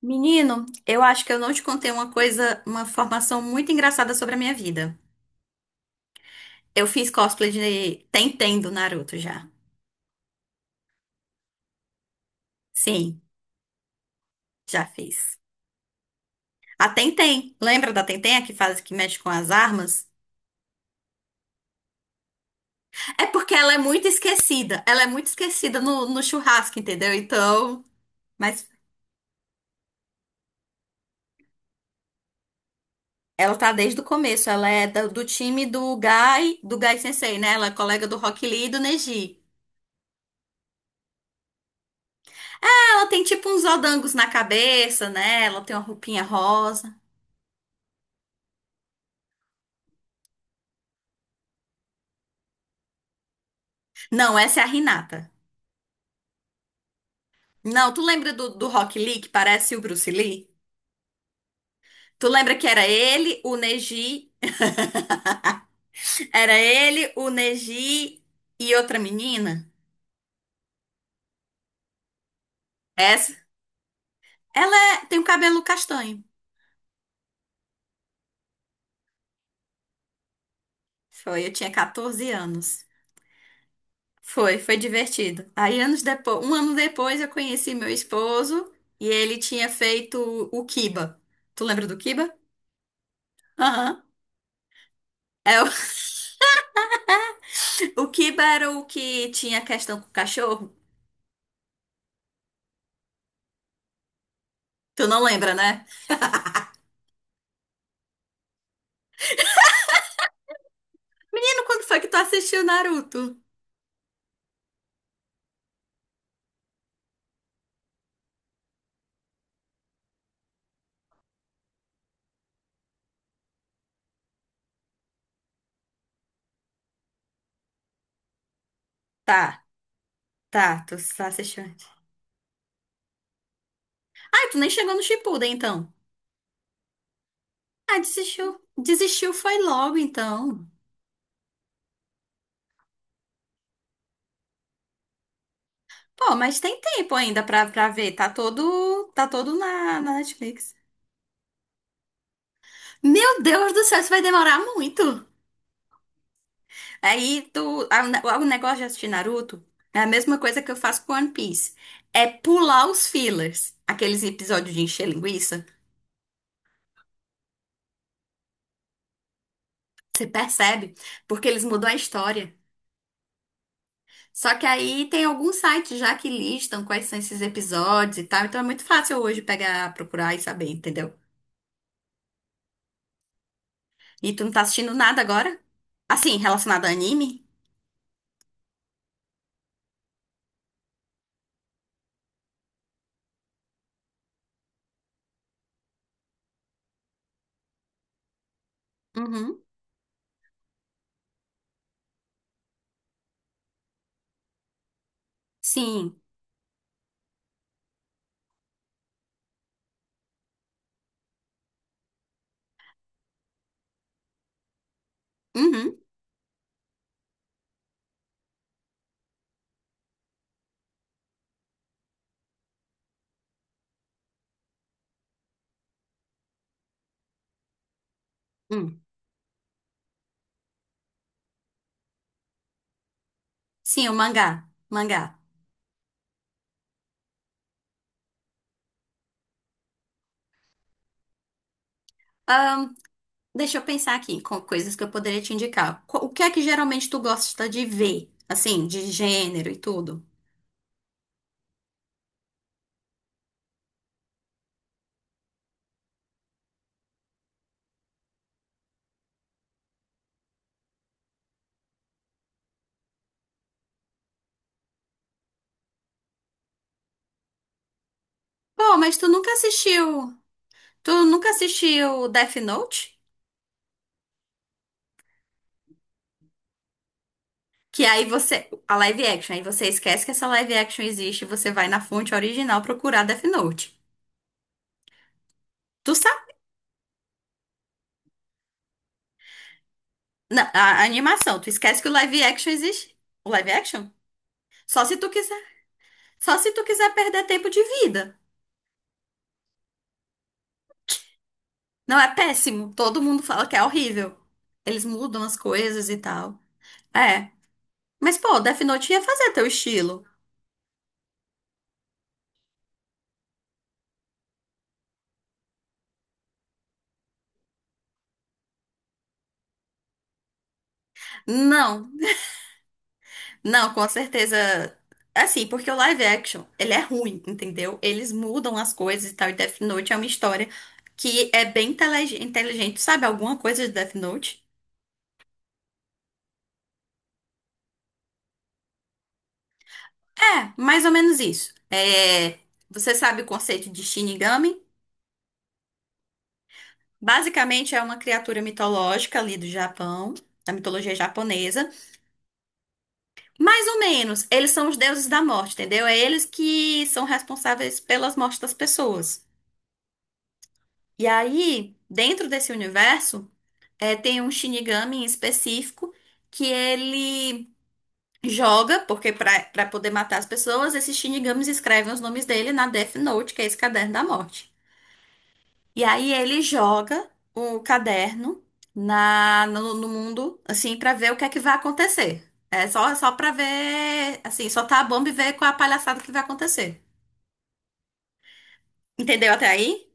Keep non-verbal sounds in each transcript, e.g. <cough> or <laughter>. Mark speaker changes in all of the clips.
Speaker 1: Menino, eu acho que eu não te contei uma coisa, uma formação muito engraçada sobre a minha vida. Eu fiz cosplay de Tenten do Naruto já. Sim, já fiz. A Tenten, lembra da Tenten, a que faz, que mexe com as armas? É porque ela é muito esquecida. Ela é muito esquecida no churrasco, entendeu? Então, mas ela tá desde o começo. Ela é do time do Gai Sensei, né? Ela é colega do Rock Lee e do Neji. Ela tem tipo uns odangos na cabeça, né? Ela tem uma roupinha rosa. Não, essa é a Renata. Não, tu lembra do Rock Lee, que parece o Bruce Lee? Tu lembra que era ele, o Neji, era ele, o Neji e outra menina? Essa, tem o cabelo castanho. Foi, eu tinha 14 anos. Foi, foi divertido. Aí anos depois, um ano depois eu conheci meu esposo e ele tinha feito o Kiba. Tu lembra do Kiba? Aham. É, o, <laughs> o Kiba era o que tinha questão com o cachorro. Tu não lembra, né? Quando foi que tu assistiu Naruto? Tá, tá, tu tá assistindo. Ah, tu nem chegou no Shippuden, então. Ah, desistiu. Desistiu foi logo, então. Pô, mas tem tempo ainda pra ver. Tá todo na Netflix. Meu Deus do céu, isso vai demorar muito. Aí, tu, o negócio de assistir Naruto é a mesma coisa que eu faço com One Piece. É pular os fillers. Aqueles episódios de encher linguiça. Você percebe? Porque eles mudam a história. Só que aí tem alguns sites já que listam quais são esses episódios e tal, então é muito fácil hoje pegar, procurar e saber, entendeu? E tu não tá assistindo nada agora? Assim, relacionado a anime? Uhum. Sim. Uhum. Hum. Sim, o mangá. Mangá. Ahn, Deixa eu pensar aqui com coisas que eu poderia te indicar. O que é que geralmente tu gosta de ver? Assim, de gênero e tudo? Pô, mas tu nunca assistiu. Tu nunca assistiu Death Note? Que aí você. A live action, aí você esquece que essa live action existe e você vai na fonte original procurar Death Note. Tu sabe? A animação, tu esquece que o live action existe? O live action? Só se tu quiser. Só se tu quiser perder tempo de vida. Não é péssimo. Todo mundo fala que é horrível. Eles mudam as coisas e tal. É. Mas, pô, Death Note ia fazer teu estilo. Não. Não, com certeza. Assim, porque o live action, ele é ruim, entendeu? Eles mudam as coisas e tal. E Death Note é uma história que é inteligente. Sabe alguma coisa de Death Note? É, mais ou menos isso. É, você sabe o conceito de Shinigami? Basicamente é uma criatura mitológica ali do Japão, da mitologia japonesa. Mais ou menos, eles são os deuses da morte, entendeu? É eles que são responsáveis pelas mortes das pessoas. E aí, dentro desse universo. É, tem um Shinigami em específico que ele joga, porque pra poder matar as pessoas, esses Shinigamis escrevem os nomes dele na Death Note, que é esse caderno da morte. E aí ele joga o caderno na no, no mundo, assim, pra ver o que é que vai acontecer. É só para ver, assim, soltar a bomba e ver qual é a palhaçada que vai acontecer. Entendeu até aí?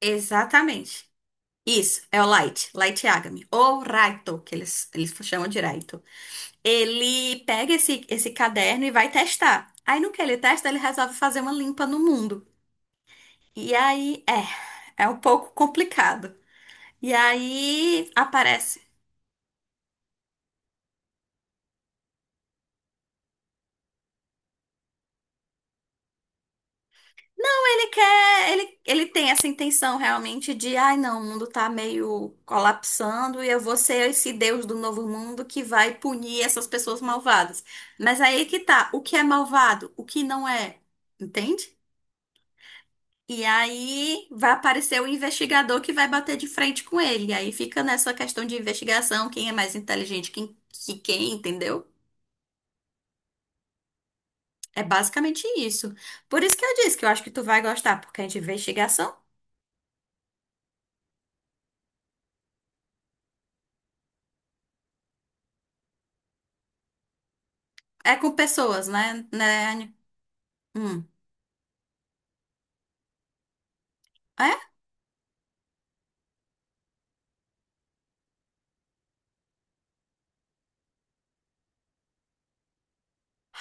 Speaker 1: Exatamente. Isso, é o Light, Light Yagami. Ou Raito, que eles chamam de Raito. Ele pega esse caderno e vai testar. Aí no que ele testa, ele resolve fazer uma limpa no mundo. E aí, é, é um pouco complicado. E aí aparece. Então ele quer, ele tem essa intenção realmente de, ai não, o mundo tá meio colapsando e eu vou ser esse Deus do novo mundo que vai punir essas pessoas malvadas. Mas aí que tá, o que é malvado, o que não é, entende? E aí vai aparecer o investigador que vai bater de frente com ele. E aí fica nessa questão de investigação, quem é mais inteligente quem, que quem, entendeu? É basicamente isso. Por isso que eu disse que eu acho que tu vai gostar, porque é de investigação. É com pessoas, né? né? Hum. É?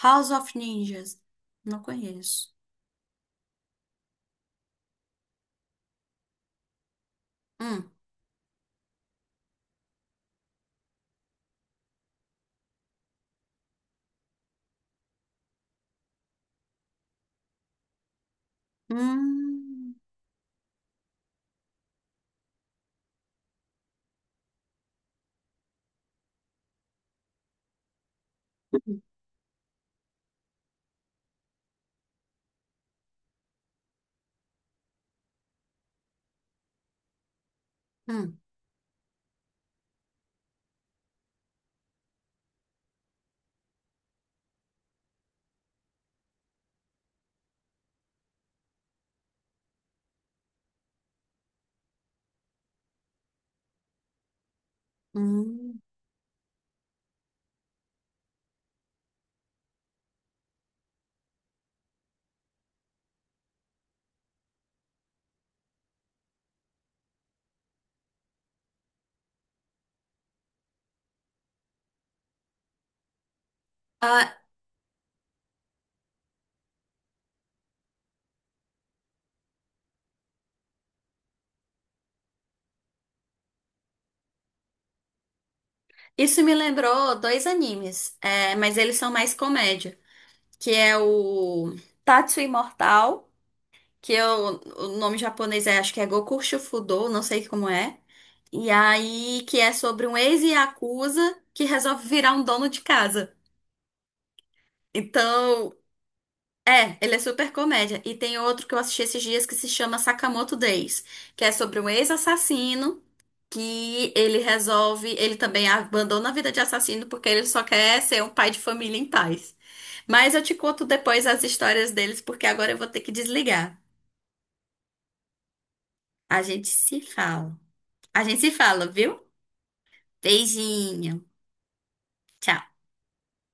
Speaker 1: House of Ninjas. Não conheço. Hum. Hum. Hum. Hum. Ah, isso me lembrou dois animes, é, mas eles são mais comédia, que é o Tatsu Imortal. Que eu, o nome japonês é, acho que é Goku Shufudo, não sei como é. E aí, que é sobre um ex-yakuza que <laughs> resolve virar um dono de casa. Então, é, ele é super comédia. E tem outro que eu assisti esses dias que se chama Sakamoto Days, que é sobre um ex-assassino que ele resolve, ele também abandona a vida de assassino porque ele só quer ser um pai de família em paz. Mas eu te conto depois as histórias deles, porque agora eu vou ter que desligar. A gente se fala. A gente se fala, viu? Beijinho. Tchau.